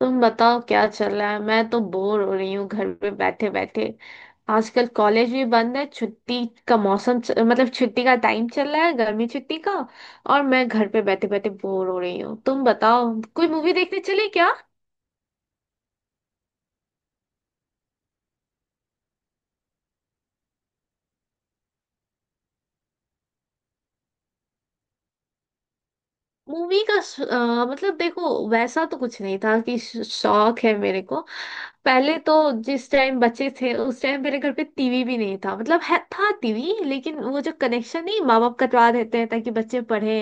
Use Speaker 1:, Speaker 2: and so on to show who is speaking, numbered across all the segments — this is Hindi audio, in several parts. Speaker 1: तुम बताओ क्या चल रहा है। मैं तो बोर हो रही हूँ घर पे बैठे बैठे। आजकल कॉलेज भी बंद है, छुट्टी का मौसम मतलब छुट्टी का टाइम चल रहा है, गर्मी छुट्टी का। और मैं घर पे बैठे बैठे बोर हो रही हूँ। तुम बताओ कोई मूवी देखने चले क्या। मूवी का मतलब देखो वैसा तो कुछ नहीं था कि शौक है मेरे को। पहले तो जिस टाइम बच्चे थे उस टाइम मेरे घर पे टीवी भी नहीं था। मतलब है था टीवी लेकिन वो जो कनेक्शन नहीं, माँ बाप कटवा देते हैं ताकि बच्चे पढ़े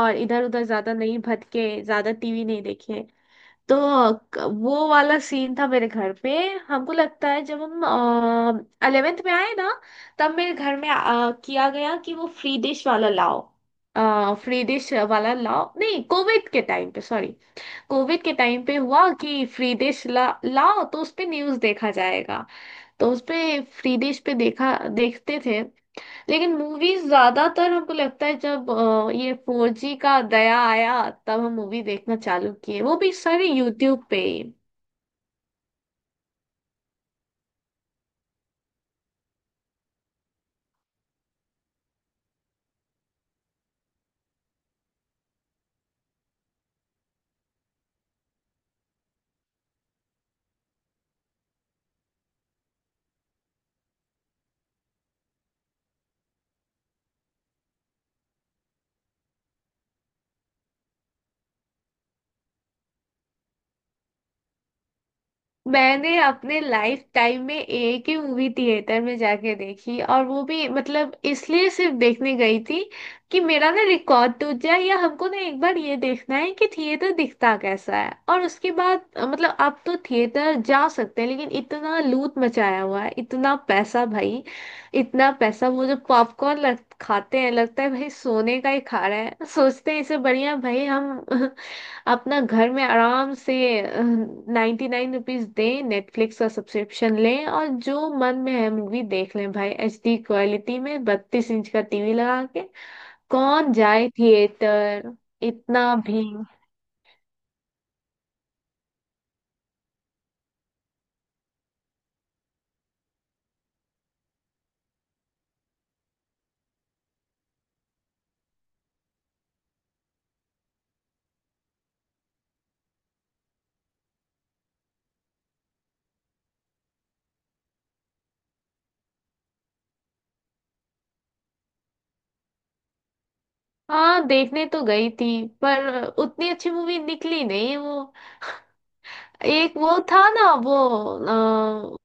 Speaker 1: और इधर उधर ज्यादा नहीं भटके, ज्यादा टीवी नहीं देखे। तो वो वाला सीन था मेरे घर पे। हमको लगता है जब हम अलेवेंथ में आए ना, तब मेरे घर में किया गया कि वो फ्री डिश वाला लाओ। फ्री डिश वाला लाओ नहीं, कोविड के टाइम पे। सॉरी, कोविड के टाइम पे हुआ कि फ्री डिश लाओ तो उस पे न्यूज देखा जाएगा। तो उस पे फ्री डिश पे देखा, देखते थे। लेकिन मूवीज ज्यादातर हमको लगता है जब ये 4G का दया आया तब हम मूवी देखना चालू किए, वो भी सारे यूट्यूब पे। मैंने अपने लाइफ टाइम में एक ही मूवी थिएटर में जाके देखी, और वो भी मतलब इसलिए सिर्फ देखने गई थी कि मेरा ना रिकॉर्ड टूट जाए, या हमको ना एक बार ये देखना है कि थिएटर दिखता कैसा है। और उसके बाद मतलब अब तो थिएटर जा सकते हैं लेकिन इतना लूट मचाया हुआ है, इतना पैसा भाई, इतना पैसा। वो जो पॉपकॉर्न लग खाते हैं लगता है भाई सोने का ही खा रहे हैं। सोचते हैं इसे बढ़िया भाई हम अपना घर में आराम से 99 रुपीज दें, नेटफ्लिक्स का सब्सक्रिप्शन लें और जो मन में है मूवी देख लें भाई, एचडी क्वालिटी में 32 इंच का टीवी लगा के। कौन जाए थिएटर, इतना भी। हाँ, देखने तो गई थी पर उतनी अच्छी मूवी निकली नहीं वो। एक वो था ना वो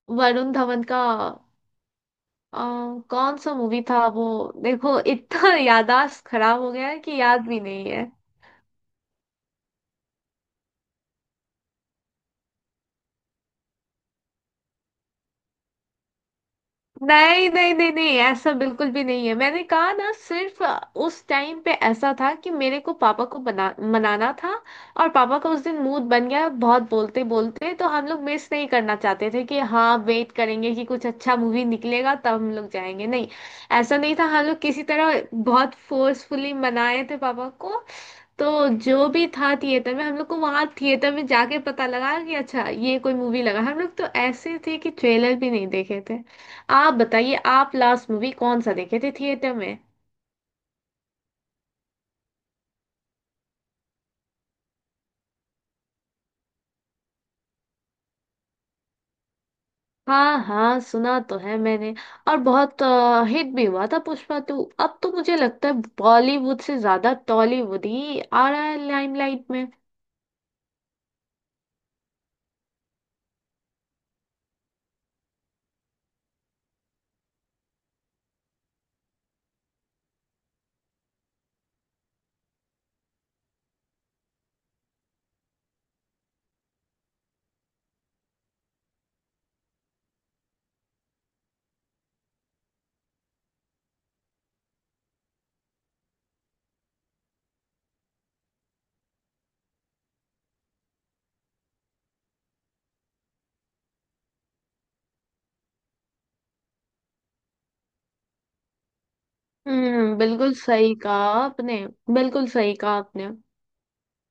Speaker 1: वरुण धवन का। अ, कौन सा मूवी था वो, देखो इतना याददाश्त खराब हो गया है कि याद भी नहीं है। नहीं, नहीं, नहीं, नहीं, ऐसा बिल्कुल भी नहीं है। मैंने कहा ना, सिर्फ उस टाइम पे ऐसा था कि मेरे को पापा को बना मनाना था। और पापा का उस दिन मूड बन गया बहुत बोलते बोलते, तो हम लोग मिस नहीं करना चाहते थे कि हाँ वेट करेंगे कि कुछ अच्छा मूवी निकलेगा तब हम लोग जाएंगे, नहीं। ऐसा नहीं था, हम लोग किसी तरह बहुत फोर्सफुली मनाए थे पापा को। तो जो भी था थिएटर में, हम लोग को वहां थिएटर में जाके पता लगा कि अच्छा ये कोई मूवी लगा, हम लोग तो ऐसे थे कि ट्रेलर भी नहीं देखे थे। आप बताइए आप लास्ट मूवी कौन सा देखे थे थिएटर में। हाँ, हाँ, सुना तो है मैंने। और बहुत हिट भी हुआ था पुष्पा 2। अब तो मुझे लगता है बॉलीवुड से ज्यादा टॉलीवुड ही आ रहा है लाइमलाइट में। हम्म, बिल्कुल सही कहा आपने, बिल्कुल सही कहा आपने।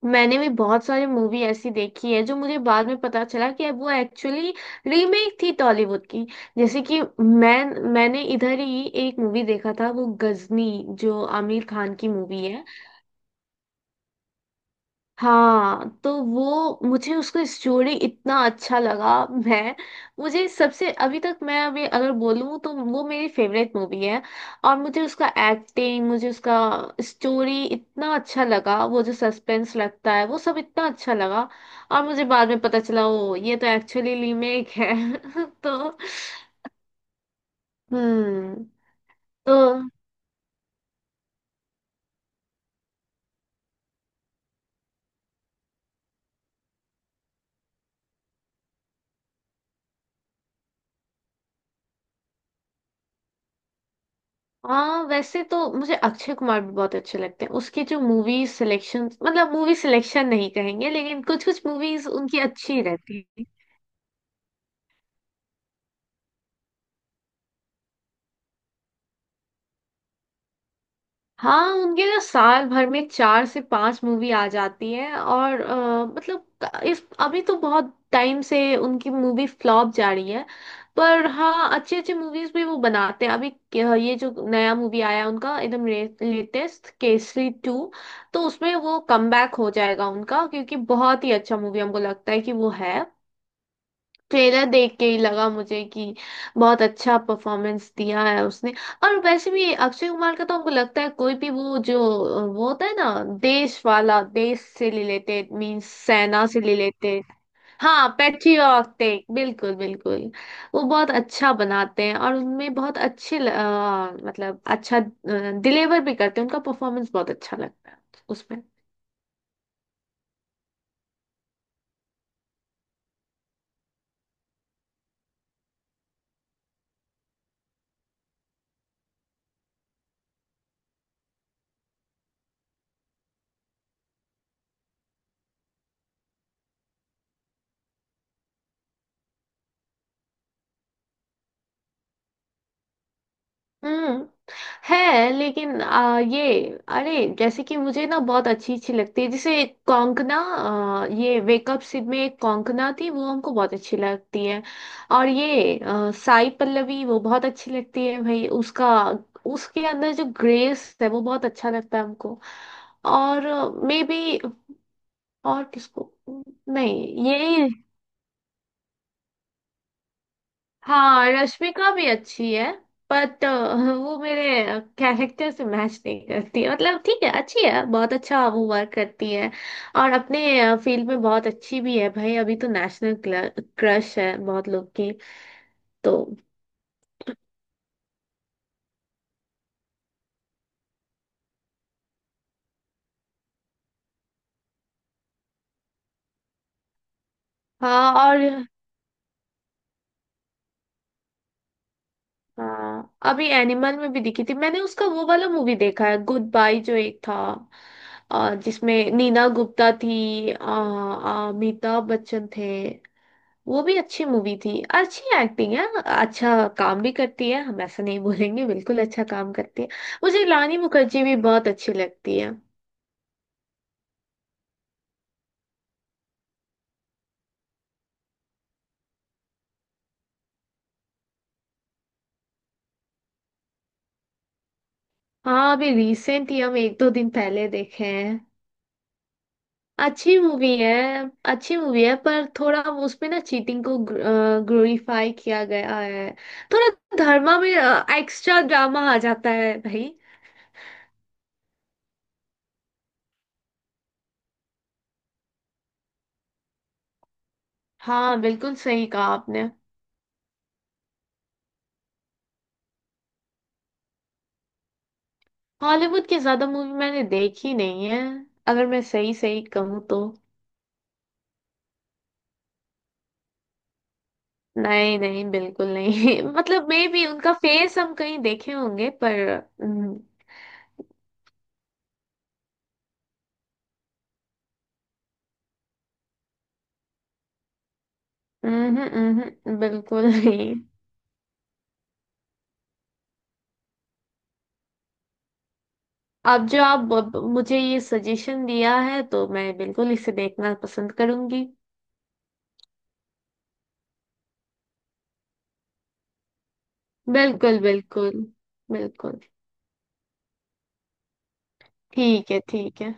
Speaker 1: मैंने भी बहुत सारी मूवी ऐसी देखी है जो मुझे बाद में पता चला कि वो एक्चुअली रीमेक थी टॉलीवुड की। जैसे कि मैंने इधर ही एक मूवी देखा था, वो गजनी, जो आमिर खान की मूवी है। हाँ तो वो मुझे उसका स्टोरी इतना अच्छा लगा। मैं मुझे सबसे अभी तक, मैं अभी अगर बोलूँ तो वो मेरी फेवरेट मूवी है। और मुझे उसका एक्टिंग, मुझे उसका स्टोरी इतना अच्छा लगा, वो जो सस्पेंस लगता है वो सब इतना अच्छा लगा। और मुझे बाद में पता चला ओ ये तो एक्चुअली रीमेक है तो हम्म। तो हाँ, वैसे तो मुझे अक्षय कुमार भी बहुत अच्छे लगते हैं, उसकी जो मूवी सिलेक्शन, मतलब मूवी सिलेक्शन नहीं कहेंगे लेकिन कुछ कुछ मूवीज उनकी अच्छी रहती है। हाँ, उनके तो साल भर में चार से पांच मूवी आ जाती है, और मतलब इस अभी तो बहुत टाइम से उनकी मूवी फ्लॉप जा रही है। पर हाँ, अच्छे अच्छे मूवीज भी वो बनाते हैं, अभी ये जो नया मूवी आया है उनका एकदम लेटेस्ट, केसरी 2। तो उसमें वो कमबैक हो जाएगा उनका, क्योंकि बहुत ही अच्छा मूवी हमको लगता है कि वो है। ट्रेलर देख के ही लगा मुझे कि बहुत अच्छा परफॉर्मेंस दिया है उसने। और वैसे भी अक्षय कुमार का तो हमको लगता है, कोई भी वो जो वो होता है ना, देश वाला, देश से रिलेटेड, मीन्स सेना से रिलेटेड। हाँ, पैट्रियोटिक, बिल्कुल बिल्कुल। वो बहुत अच्छा बनाते हैं, और उनमें बहुत अच्छे मतलब अच्छा डिलीवर भी करते हैं, उनका परफॉर्मेंस बहुत अच्छा लगता है उसमें। हम्म, है लेकिन ये, अरे जैसे कि मुझे ना बहुत अच्छी अच्छी लगती है, जैसे कोंकणा, ये वेकअप सिड में एक कोंकणा थी, वो हमको बहुत अच्छी लगती है। और ये साई पल्लवी, वो बहुत अच्छी लगती है भाई, उसका, उसके अंदर जो ग्रेस है वो बहुत अच्छा लगता है हमको। और मे बी, और किसको। नहीं, ये, हाँ, रश्मिका भी अच्छी है, बट वो मेरे कैरेक्टर से मैच नहीं करती है। मतलब ठीक है, अच्छी है, बहुत अच्छा वो वर्क करती है, और अपने फील्ड में बहुत अच्छी भी है भाई, अभी तो नेशनल क्रश है बहुत लोग की। तो हाँ। और हाँ, अभी एनिमल में भी दिखी थी, मैंने उसका वो वाला मूवी देखा है, गुड बाय जो एक था, जिसमें नीना गुप्ता थी, अमिताभ बच्चन थे। वो भी अच्छी मूवी थी, अच्छी एक्टिंग है, अच्छा काम भी करती है, हम ऐसा नहीं बोलेंगे, बिल्कुल अच्छा काम करती है। मुझे रानी मुखर्जी भी बहुत अच्छी लगती है। हाँ, अभी रिसेंट ही हम एक दो दिन पहले देखे हैं। अच्छी मूवी है, अच्छी मूवी है, पर थोड़ा वो उसमें ना चीटिंग को ग्लोरीफाई किया गया है, थोड़ा धर्मा में एक्स्ट्रा ड्रामा आ जाता है भाई। हाँ, बिल्कुल सही कहा आपने। हॉलीवुड की ज्यादा मूवी मैंने देखी नहीं है, अगर मैं सही सही कहूँ तो। नहीं नहीं, बिल्कुल नहीं मतलब मे भी उनका फेस हम कहीं देखे होंगे पर। हम्म। बिल्कुल नहीं। अब जो आप मुझे ये सजेशन दिया है तो मैं बिल्कुल इसे देखना पसंद करूंगी। बिल्कुल बिल्कुल, बिल्कुल। ठीक है, ठीक है।